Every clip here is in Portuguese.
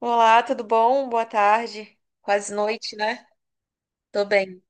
Olá, tudo bom? Boa tarde. Quase noite, né? Tô bem.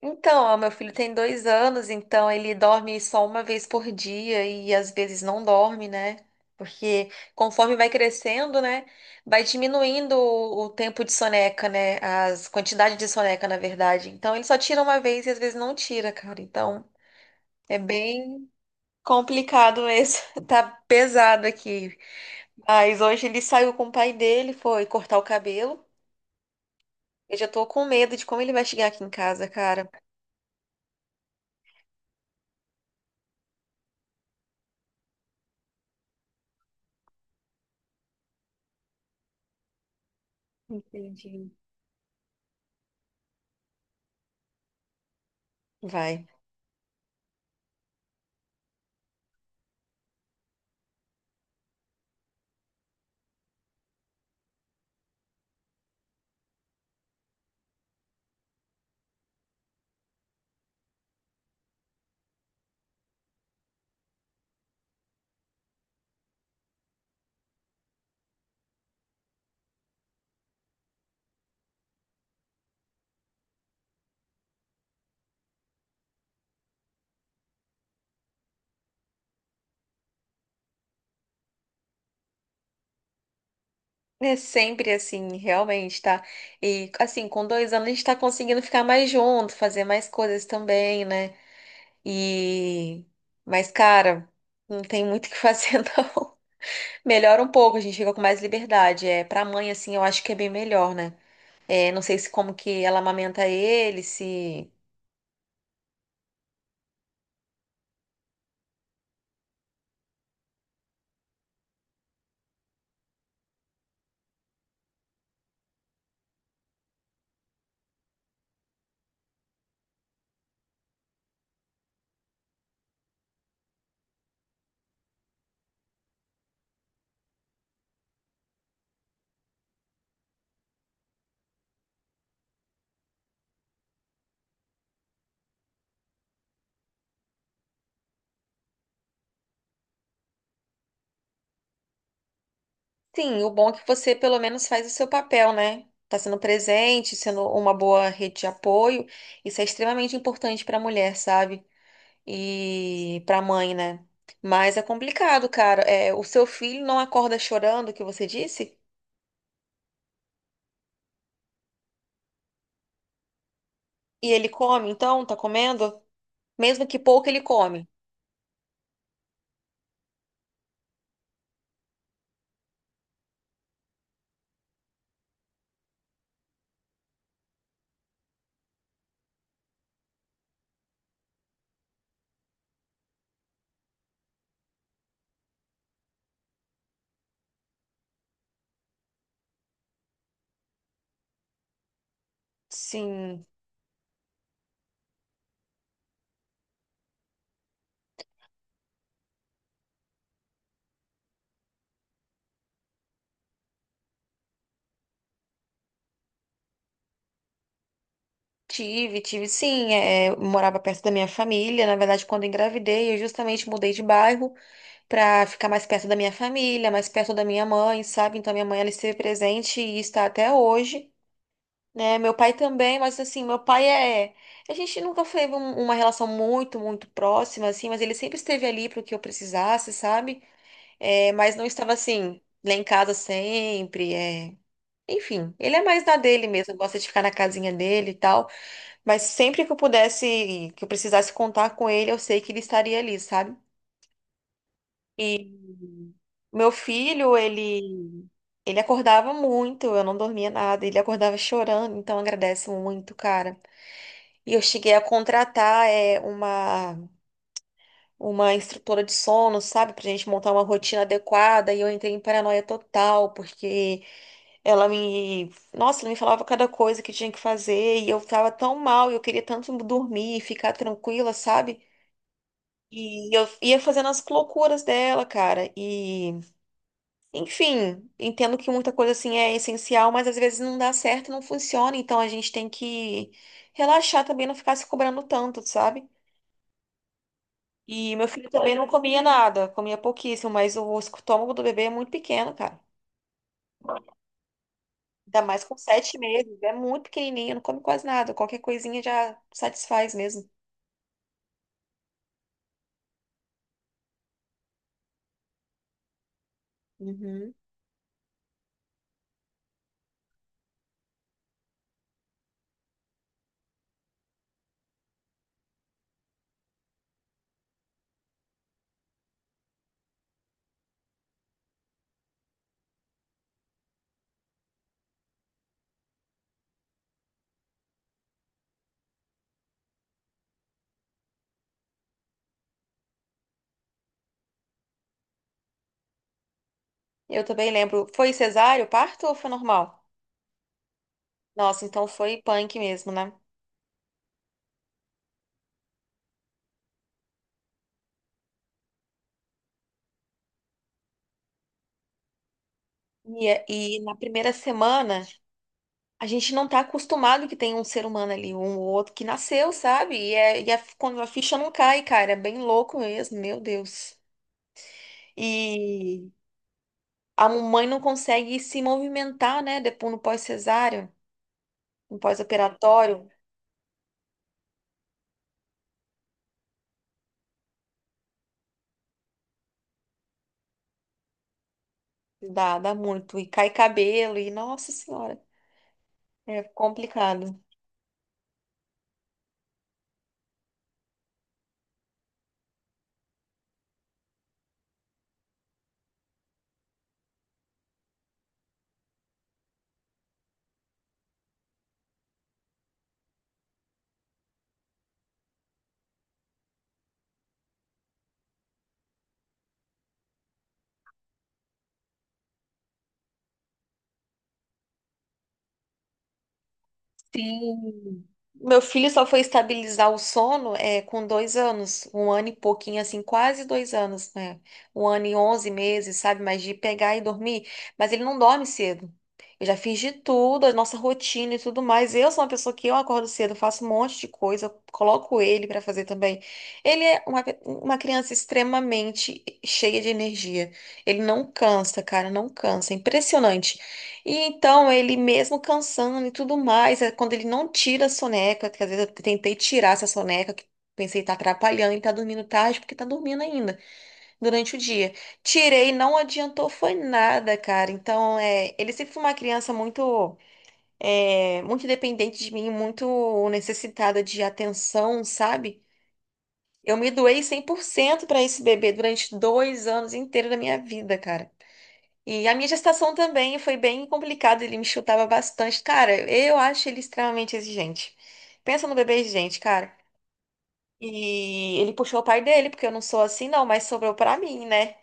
Então, ó, meu filho tem 2 anos, então ele dorme só uma vez por dia e às vezes não dorme, né? Porque, conforme vai crescendo, né, vai diminuindo o tempo de soneca, né? As quantidades de soneca, na verdade. Então, ele só tira uma vez e às vezes não tira, cara. Então, é bem complicado isso. Tá pesado aqui. Mas hoje ele saiu com o pai dele, foi cortar o cabelo. Eu já tô com medo de como ele vai chegar aqui em casa, cara. Entendi. Vai. É sempre assim, realmente, tá? E, assim, com 2 anos a gente tá conseguindo ficar mais junto, fazer mais coisas também, né? E. Mas, cara, não tem muito o que fazer, não. Melhora um pouco, a gente fica com mais liberdade. É, pra mãe, assim, eu acho que é bem melhor, né? É, não sei se como que ela amamenta ele, se. Sim, o bom é que você pelo menos faz o seu papel, né? Tá sendo presente, sendo uma boa rede de apoio. Isso é extremamente importante pra mulher, sabe? E pra mãe, né? Mas é complicado, cara. É, o seu filho não acorda chorando, que você disse? E ele come, então? Tá comendo? Mesmo que pouco, ele come. Sim, tive sim. É, eu morava perto da minha família. Na verdade, quando eu engravidei, eu justamente mudei de bairro para ficar mais perto da minha família, mais perto da minha mãe, sabe? Então, minha mãe, ela esteve presente e está até hoje, né? Meu pai também, mas, assim, meu pai é, a gente nunca foi um- uma relação muito, muito próxima assim, mas ele sempre esteve ali para o que eu precisasse, sabe? É, mas não estava assim lá em casa sempre. Enfim, ele é mais da dele mesmo, gosta de ficar na casinha dele e tal, mas sempre que eu pudesse, que eu precisasse contar com ele, eu sei que ele estaria ali, sabe? Meu filho, ele acordava muito, eu não dormia nada, ele acordava chorando, então agradeço muito, cara. E eu cheguei a contratar, é, uma instrutora de sono, sabe, pra gente montar uma rotina adequada, e eu entrei em paranoia total, porque ela me, nossa, ela me falava cada coisa que tinha que fazer, e eu tava tão mal, e eu queria tanto dormir e ficar tranquila, sabe? E eu ia fazendo as loucuras dela, cara. Enfim, entendo que muita coisa assim é essencial, mas às vezes não dá certo, não funciona, então a gente tem que relaxar também, não ficar se cobrando tanto, sabe? E meu filho também não comia nada, comia pouquíssimo, mas o estômago do bebê é muito pequeno, cara. Ainda mais com 7 meses, é muito pequenininho, não come quase nada, qualquer coisinha já satisfaz mesmo. Uhum. Eu também lembro, foi cesárea, o parto ou foi normal? Nossa, então foi punk mesmo, né? E, é, e na primeira semana. A gente não tá acostumado que tem um ser humano ali, um ou outro que nasceu, sabe? E, é, quando a ficha não cai, cara, é bem louco mesmo, meu Deus. E a mãe não consegue se movimentar, né? Depois, no pós cesáreo no pós-operatório, dá muito. E cai cabelo, e, nossa senhora, é complicado. Sim. Meu filho só foi estabilizar o sono, é, com 2 anos, 1 ano e pouquinho, assim, quase 2 anos, né? 1 ano e 11 meses, sabe? Mas de pegar e dormir. Mas ele não dorme cedo. Eu já fiz de tudo, a nossa rotina e tudo mais. Eu sou uma pessoa que eu acordo cedo, faço um monte de coisa, coloco ele pra fazer também. Ele é uma, uma criança extremamente cheia de energia. Ele não cansa, cara, não cansa. É impressionante. E, então, ele mesmo cansando e tudo mais, é quando ele não tira a soneca, que às vezes eu tentei tirar essa soneca, que pensei tá atrapalhando, ele tá dormindo tarde, porque tá dormindo ainda, durante o dia. Tirei, não adiantou, foi nada, cara. Então, é, ele sempre foi uma criança muito, é, muito dependente de mim, muito necessitada de atenção, sabe? Eu me doei 100% pra esse bebê durante 2 anos inteiros da minha vida, cara. E a minha gestação também foi bem complicada, ele me chutava bastante. Cara, eu acho ele extremamente exigente. Pensa no bebê exigente, cara. E ele puxou o pai dele, porque eu não sou assim, não, mas sobrou pra mim, né?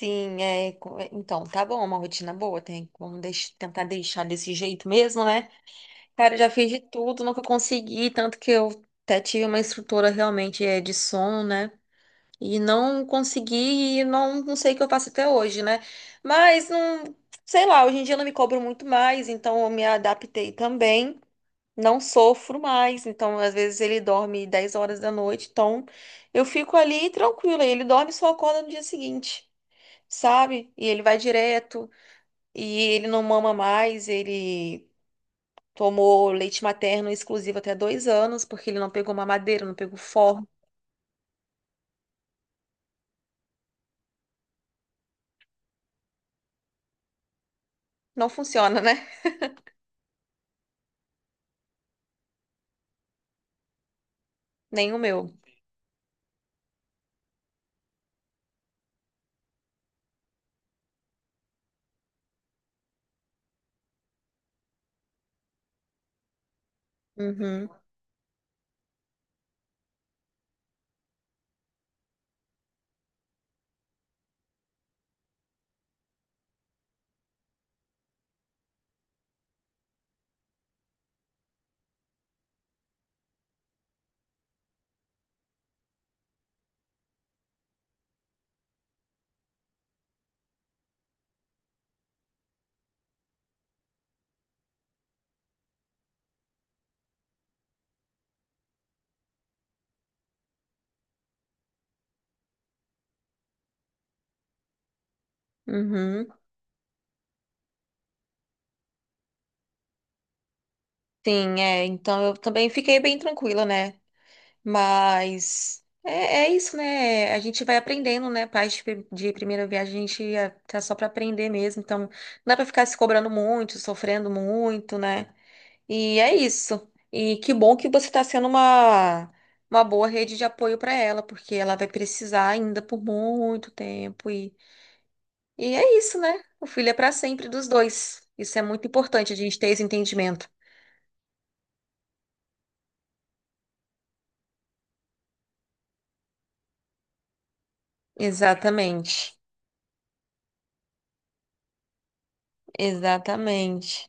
Sim, é. Então, tá bom, é uma rotina boa, tem como tentar deixar desse jeito mesmo, né? Cara, eu já fiz de tudo, nunca consegui, tanto que eu até tive uma instrutora, realmente, é, de som, né? E não consegui, e não, não sei o que eu faço até hoje, né? Mas não, sei lá, hoje em dia eu não me cobro muito mais, então eu me adaptei também. Não sofro mais, então às vezes ele dorme 10 horas da noite, então eu fico ali tranquila. E ele dorme e só acorda no dia seguinte, sabe? E ele vai direto, e ele não mama mais, ele tomou leite materno exclusivo até 2 anos, porque ele não pegou mamadeira, não pegou forno. Não funciona, né? Nem o meu. Uhum, uhum. Sim, é. Então eu também fiquei bem tranquila, né? Mas é, é isso, né? A gente vai aprendendo, né? Pais de primeira viagem, a gente é, tá só pra aprender mesmo. Então não dá pra ficar se cobrando muito, sofrendo muito, né? E é isso. E que bom que você tá sendo uma boa rede de apoio pra ela, porque ela vai precisar ainda por muito tempo. E é isso, né? O filho é pra sempre dos dois. Isso é muito importante, a gente ter esse entendimento. Exatamente. Exatamente.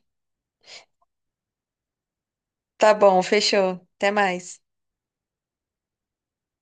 Tá bom, fechou. Até mais.